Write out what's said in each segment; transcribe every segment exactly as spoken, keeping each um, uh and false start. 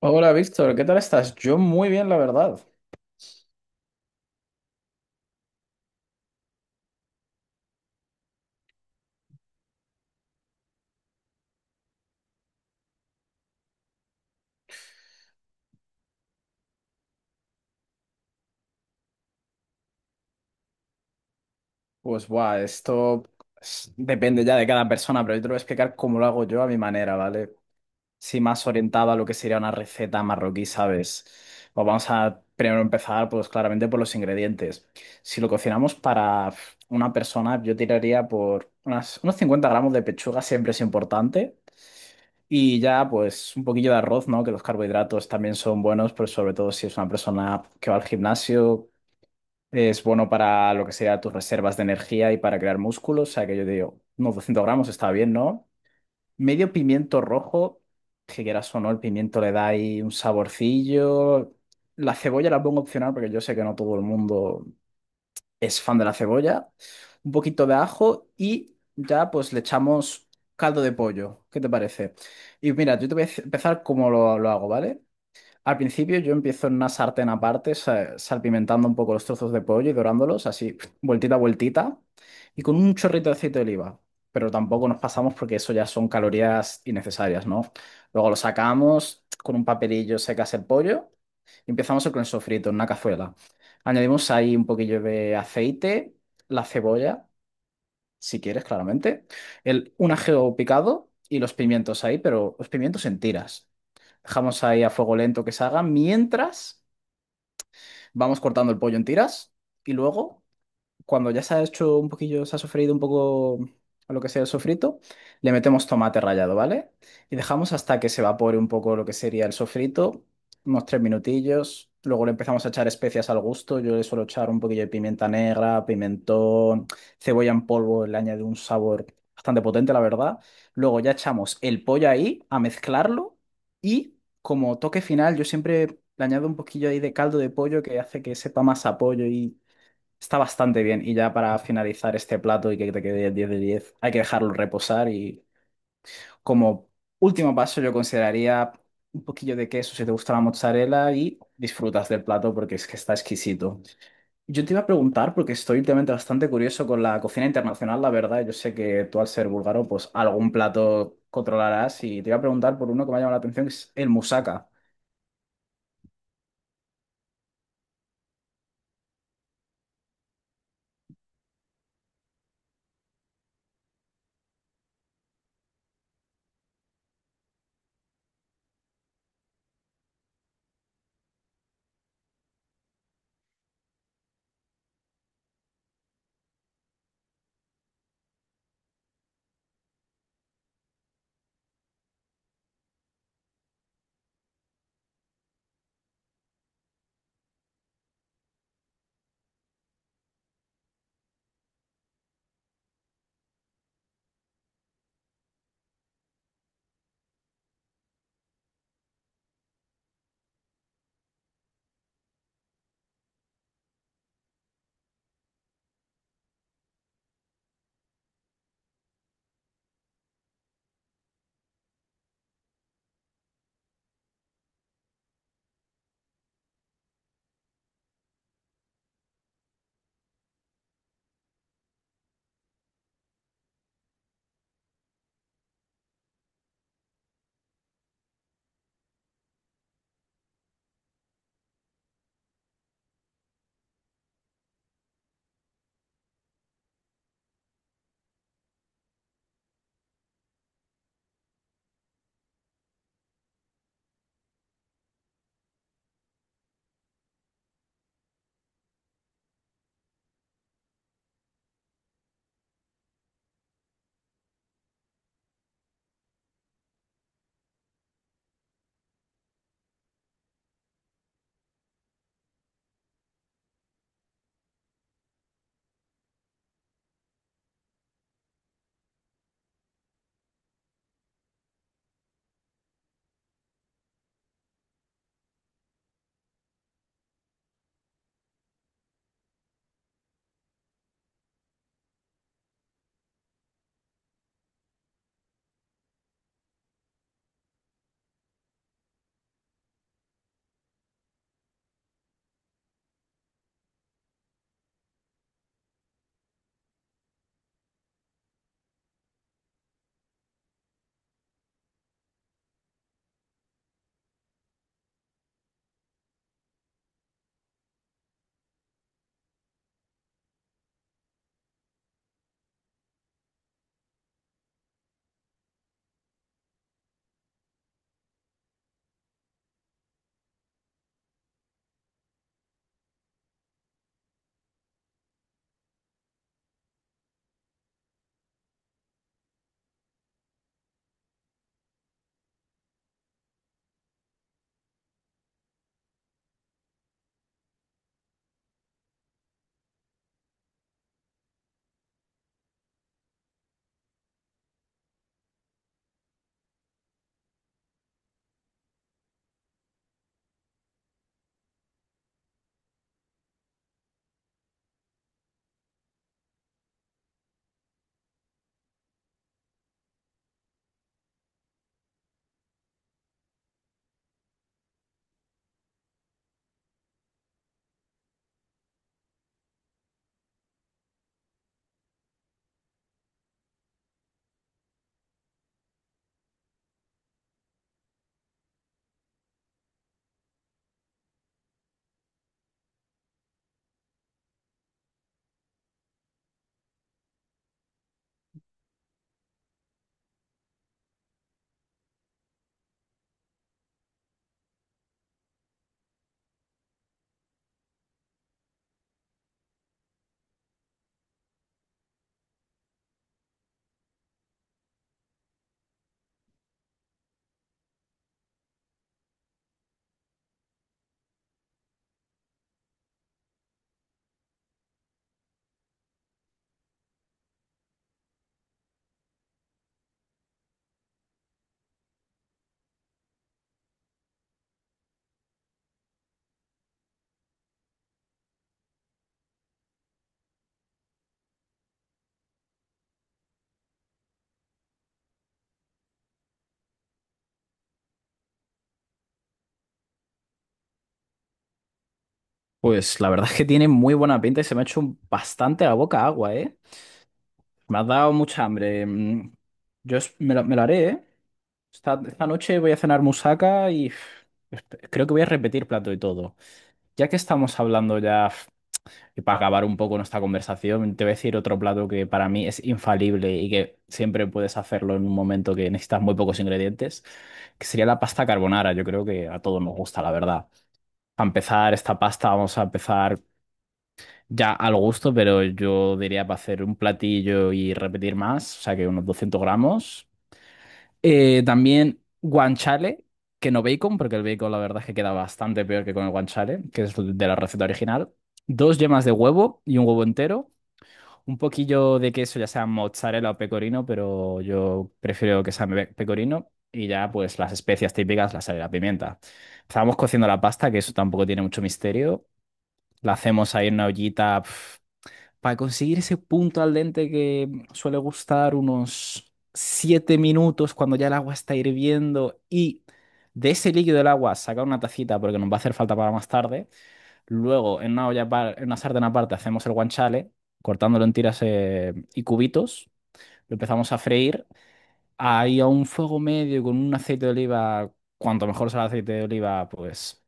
Hola Víctor, ¿qué tal estás? Yo muy bien, la verdad. Pues buah, esto es- depende ya de cada persona, pero yo te lo voy a explicar cómo lo hago yo a mi manera, ¿vale? Si más orientado a lo que sería una receta marroquí, ¿sabes? Pues vamos a primero empezar, pues claramente por los ingredientes. Si lo cocinamos para una persona, yo tiraría por unas- unos cincuenta gramos de pechuga, siempre es importante. Y ya, pues un poquillo de arroz, ¿no? Que los carbohidratos también son buenos, pero sobre todo si es una persona que va al gimnasio. Es bueno para lo que sea tus reservas de energía y para crear músculos. O sea que yo digo, unos doscientos gramos está bien, ¿no? Medio pimiento rojo, que quieras o no, el pimiento le da ahí un saborcillo. La cebolla la pongo opcional porque yo sé que no todo el mundo es fan de la cebolla. Un poquito de ajo y ya pues le echamos caldo de pollo. ¿Qué te parece? Y mira, yo te voy a empezar como lo, lo hago, ¿vale? Al principio yo empiezo en una sartén aparte, sa- salpimentando un poco los trozos de pollo y dorándolos, así, vueltita a vueltita, y con un chorrito de aceite de oliva. Pero tampoco nos pasamos porque eso ya son calorías innecesarias, ¿no? Luego lo sacamos, con un papelillo secas el pollo y empezamos con el sofrito en una cazuela. Añadimos ahí un poquillo de aceite, la cebolla, si quieres, claramente, el, un ajeo picado y los pimientos ahí, pero los pimientos en tiras, dejamos ahí a fuego lento que se haga, mientras vamos cortando el pollo en tiras y luego cuando ya se ha hecho un poquillo, se ha sofreído un poco a lo que sea el sofrito, le metemos tomate rallado, ¿vale? Y dejamos hasta que se evapore un poco lo que sería el sofrito, unos tres minutillos. Luego le empezamos a echar especias al gusto. Yo le suelo echar un poquillo de pimienta negra, pimentón, cebolla en polvo, le añade un sabor bastante potente, la verdad. Luego ya echamos el pollo ahí a mezclarlo y, como toque final, yo siempre le añado un poquillo ahí de caldo de pollo que hace que sepa más a pollo y está bastante bien. Y ya para finalizar este plato y que te quede diez de diez, hay que dejarlo reposar. Y como último paso, yo consideraría un poquillo de queso si te gusta la mozzarella y disfrutas del plato, porque es que está exquisito. Yo te iba a preguntar, porque estoy últimamente bastante curioso con la cocina internacional, la verdad. Yo sé que tú, al ser búlgaro, pues algún plato controlarás. Y te iba a preguntar por uno que me ha llamado la atención, que es el moussaka. Pues la verdad es que tiene muy buena pinta y se me ha hecho bastante la boca agua, ¿eh? Me has dado mucha hambre. Mm, Yo es- me lo, me lo haré, ¿eh? Esta, esta noche voy a cenar musaca y uf, esp- creo que voy a repetir plato y todo. Ya que estamos hablando ya, uf, y para acabar un poco nuestra conversación, te voy a decir otro plato que para mí es infalible y que siempre puedes hacerlo en un momento, que necesitas muy pocos ingredientes, que sería la pasta carbonara. Yo creo que a todos nos gusta, la verdad. A empezar esta pasta, vamos a empezar. Ya al gusto, pero yo diría para hacer un platillo y repetir más, o sea que unos doscientos gramos. Eh, también guanciale, que no bacon, porque el bacon la verdad es que queda bastante peor que con el guanciale, que es de la receta original. Dos yemas de huevo y un huevo entero. Un poquillo de queso, ya sea mozzarella o pecorino, pero yo prefiero que sea me- pecorino. Y ya pues las especias típicas, la sal y la pimienta. Estábamos cociendo la pasta, que eso tampoco tiene mucho misterio. La hacemos ahí en una ollita. Para conseguir ese punto al dente que suele gustar unos siete minutos cuando ya el agua está hirviendo, y de ese líquido del agua sacar una tacita porque nos va a hacer falta para más tarde. Luego en una olla, par- en una sartén aparte hacemos el guanciale cortándolo en tiras eh, y cubitos. Lo empezamos a freír ahí a un fuego medio con un aceite de oliva. Cuanto mejor sea el aceite de oliva, pues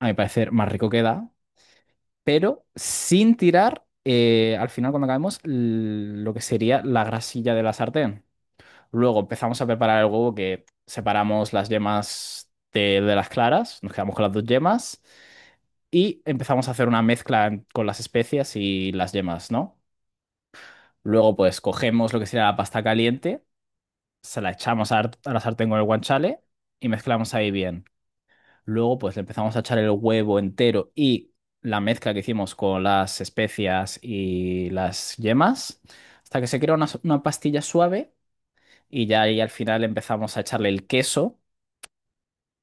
a mi parecer más rico queda, pero sin tirar, eh, al final cuando acabemos, l- lo que sería la grasilla de la sartén. Luego empezamos a preparar el huevo, que separamos las yemas de, de las claras, nos quedamos con las dos yemas y empezamos a hacer una mezcla en- con las especias y las yemas, ¿no? Luego pues cogemos lo que sería la pasta caliente, se la echamos a, a la sartén con el guanciale y mezclamos ahí bien. Luego, pues le empezamos a echar el huevo entero y la mezcla que hicimos con las especias y las yemas, hasta que se crea una, una pastilla suave, y ya ahí al final empezamos a echarle el queso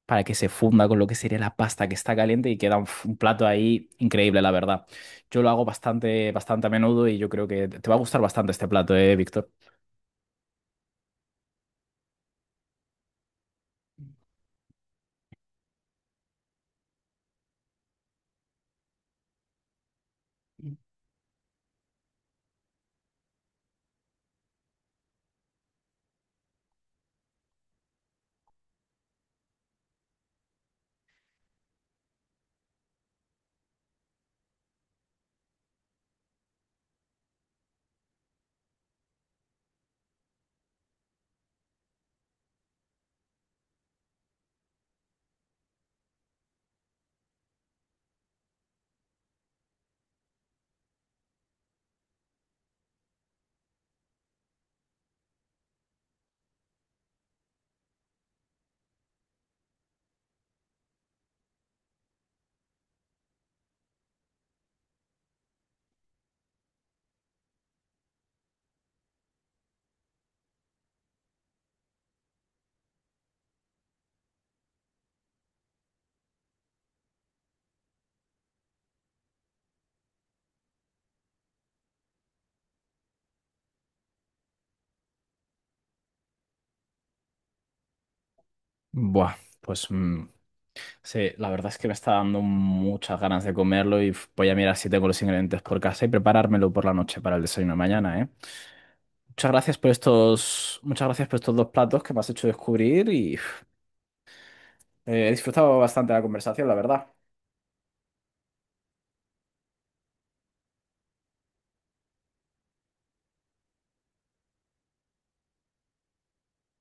para que se funda con lo que sería la pasta que está caliente, y queda un, f- un plato ahí increíble, la verdad. Yo lo hago bastante, bastante a menudo, y yo creo que te va a gustar bastante este plato, ¿eh, Víctor? Buah, pues mm, sí, la verdad es que me está dando muchas ganas de comerlo y uf, voy a mirar si tengo los ingredientes por casa y preparármelo por la noche para el desayuno de mañana, ¿eh? Muchas gracias por estos, muchas gracias por estos dos platos que me has hecho descubrir y uf, eh, he disfrutado bastante la conversación, la verdad.